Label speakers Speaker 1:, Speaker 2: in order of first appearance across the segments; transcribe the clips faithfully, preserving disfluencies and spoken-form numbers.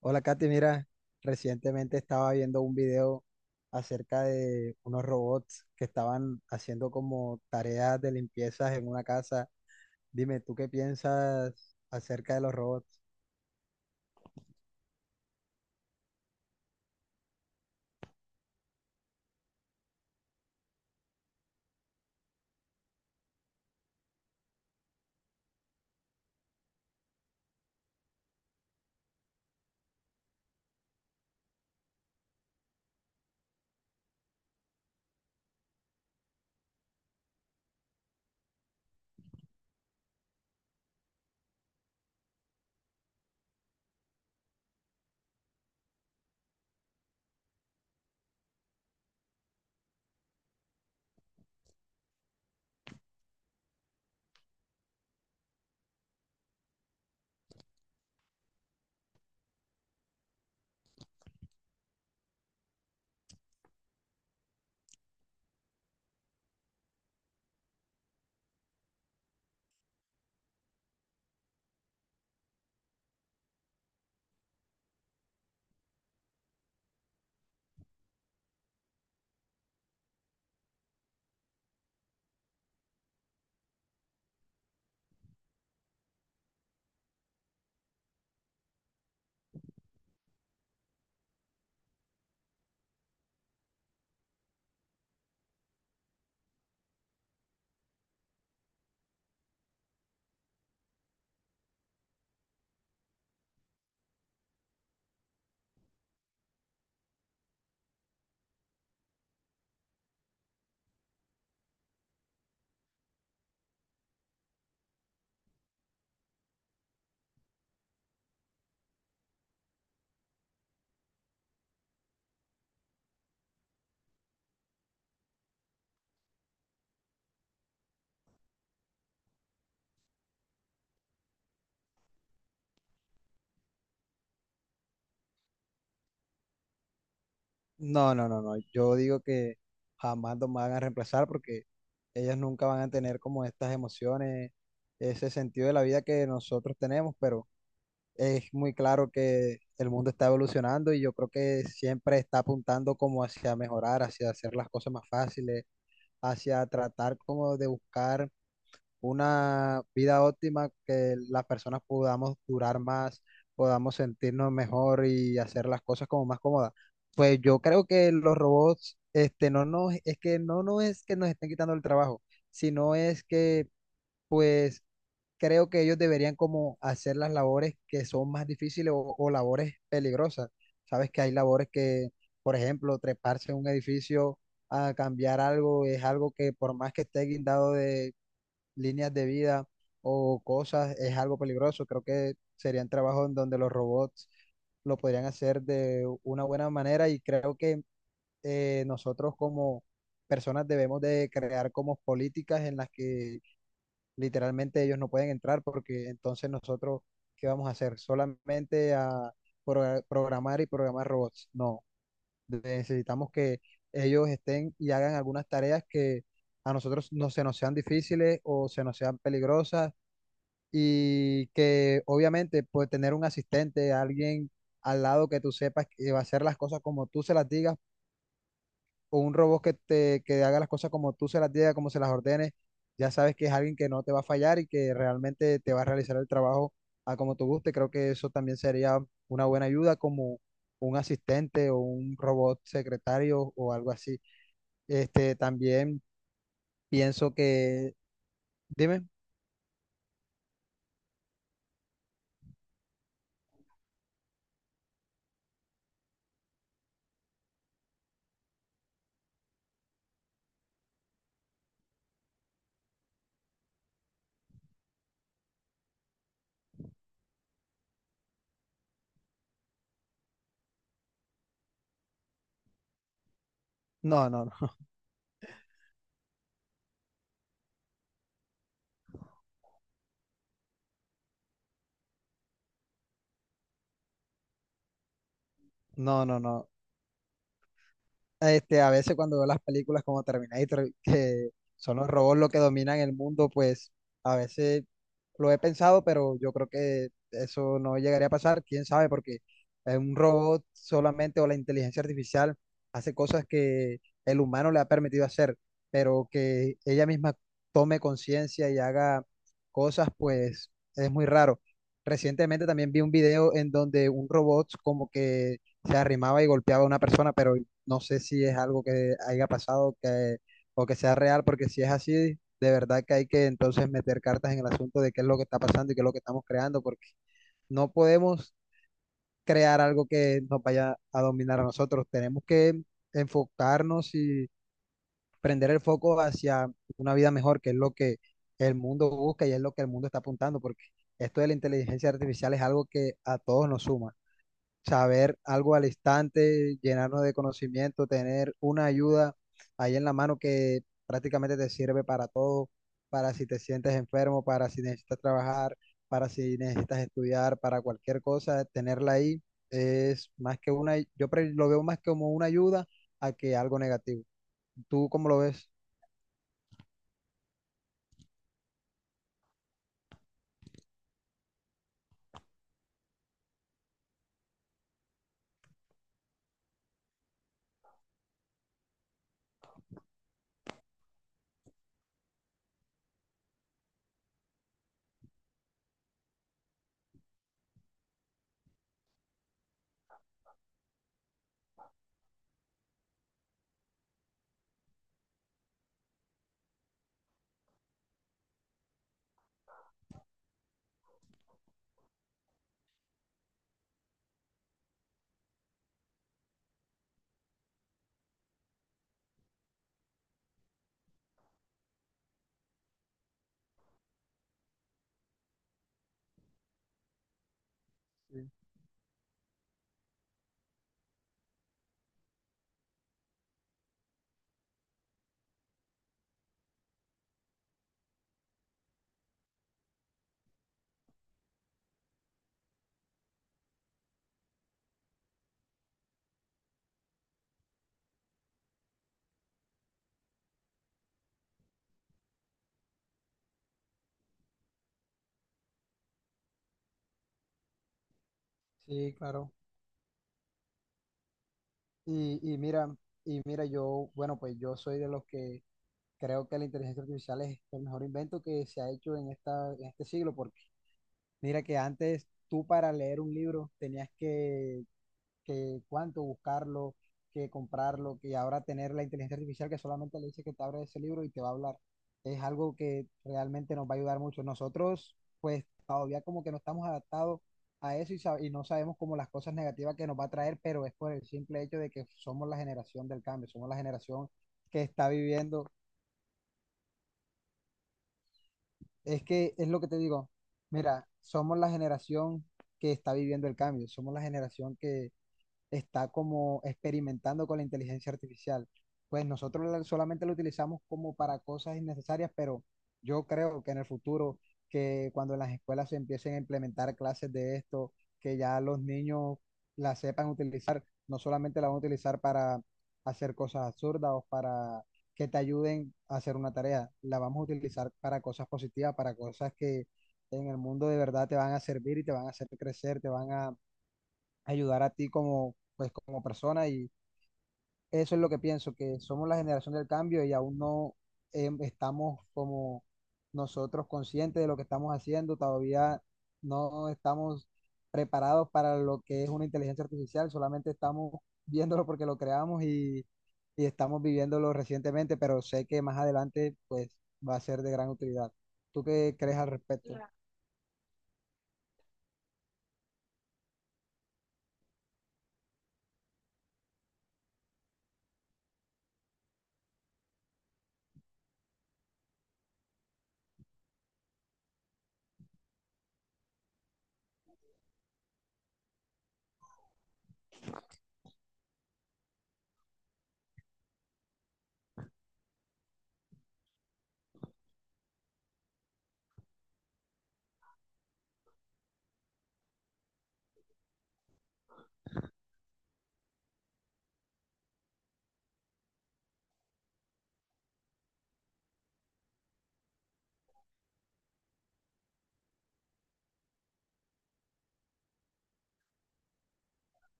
Speaker 1: Hola, Katy. Mira, recientemente estaba viendo un video acerca de unos robots que estaban haciendo como tareas de limpiezas en una casa. Dime, ¿tú qué piensas acerca de los robots? No, no, no, no. Yo digo que jamás los van a reemplazar porque ellos nunca van a tener como estas emociones, ese sentido de la vida que nosotros tenemos, pero es muy claro que el mundo está evolucionando y yo creo que siempre está apuntando como hacia mejorar, hacia hacer las cosas más fáciles, hacia tratar como de buscar una vida óptima que las personas podamos durar más, podamos sentirnos mejor y hacer las cosas como más cómodas. Pues yo creo que los robots, este, no nos, es que no, no es que nos estén quitando el trabajo, sino es que pues creo que ellos deberían como hacer las labores que son más difíciles o, o labores peligrosas. Sabes que hay labores que, por ejemplo, treparse en un edificio a cambiar algo es algo que por más que esté guindado de líneas de vida o cosas, es algo peligroso. Creo que serían trabajos en donde los robots lo podrían hacer de una buena manera y creo que eh, nosotros como personas debemos de crear como políticas en las que literalmente ellos no pueden entrar porque entonces nosotros, ¿qué vamos a hacer? Solamente a pro- programar y programar robots. No, necesitamos que ellos estén y hagan algunas tareas que a nosotros no se nos sean difíciles o se nos sean peligrosas y que obviamente pues tener un asistente, alguien al lado que tú sepas que va a hacer las cosas como tú se las digas o un robot que te que haga las cosas como tú se las digas, como se las ordenes, ya sabes que es alguien que no te va a fallar y que realmente te va a realizar el trabajo a como tú guste. Creo que eso también sería una buena ayuda como un asistente o un robot secretario o algo así. Este, también pienso que, dime, no, no, no, no, no, no. Este, a veces cuando veo las películas como Terminator, que son los robots los que dominan el mundo, pues a veces lo he pensado, pero yo creo que eso no llegaría a pasar, quién sabe, porque eh, un robot solamente o la inteligencia artificial hace cosas que el humano le ha permitido hacer, pero que ella misma tome conciencia y haga cosas, pues es muy raro. Recientemente también vi un video en donde un robot como que se arrimaba y golpeaba a una persona, pero no sé si es algo que haya pasado que, o que sea real, porque si es así, de verdad que hay que entonces meter cartas en el asunto de qué es lo que está pasando y qué es lo que estamos creando, porque no podemos crear algo que nos vaya a dominar a nosotros. Tenemos que enfocarnos y prender el foco hacia una vida mejor, que es lo que el mundo busca y es lo que el mundo está apuntando, porque esto de la inteligencia artificial es algo que a todos nos suma saber algo al instante, llenarnos de conocimiento, tener una ayuda ahí en la mano que prácticamente te sirve para todo, para si te sientes enfermo, para si necesitas trabajar, para si necesitas estudiar, para cualquier cosa, tenerla ahí es más que una, yo pre- lo veo más como una ayuda a que algo negativo. ¿Tú cómo lo ves? Sí, sí, claro. Y, y mira, y mira, yo, bueno, pues yo soy de los que creo que la inteligencia artificial es el mejor invento que se ha hecho en esta, en este siglo, porque mira que antes tú para leer un libro tenías que, que cuánto buscarlo, que comprarlo, que ahora tener la inteligencia artificial que solamente le dice que te abra ese libro y te va a hablar. Es algo que realmente nos va a ayudar mucho. Nosotros, pues todavía como que no estamos adaptados a eso y, sab- y no sabemos como las cosas negativas que nos va a traer, pero es por el simple hecho de que somos la generación del cambio, somos la generación que está viviendo. Es que es lo que te digo. Mira, somos la generación que está viviendo el cambio, somos la generación que está como experimentando con la inteligencia artificial. Pues nosotros la- solamente lo utilizamos como para cosas innecesarias, pero yo creo que en el futuro, que cuando en las escuelas se empiecen a implementar clases de esto, que ya los niños la sepan utilizar, no solamente la van a utilizar para hacer cosas absurdas o para que te ayuden a hacer una tarea, la vamos a utilizar para cosas positivas, para cosas que en el mundo de verdad te van a servir y te van a hacer crecer, te van a ayudar a ti como como persona y eso es lo que pienso, que somos la generación del cambio y aún no em, estamos como nosotros conscientes de lo que estamos haciendo, todavía no estamos preparados para lo que es una inteligencia artificial, solamente estamos viéndolo porque lo creamos y, y estamos viviéndolo recientemente, pero sé que más adelante pues va a ser de gran utilidad. ¿Tú qué crees al respecto? Claro.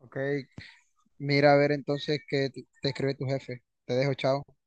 Speaker 1: Ok, mira a ver entonces qué te te escribe tu jefe. Te dejo, chao.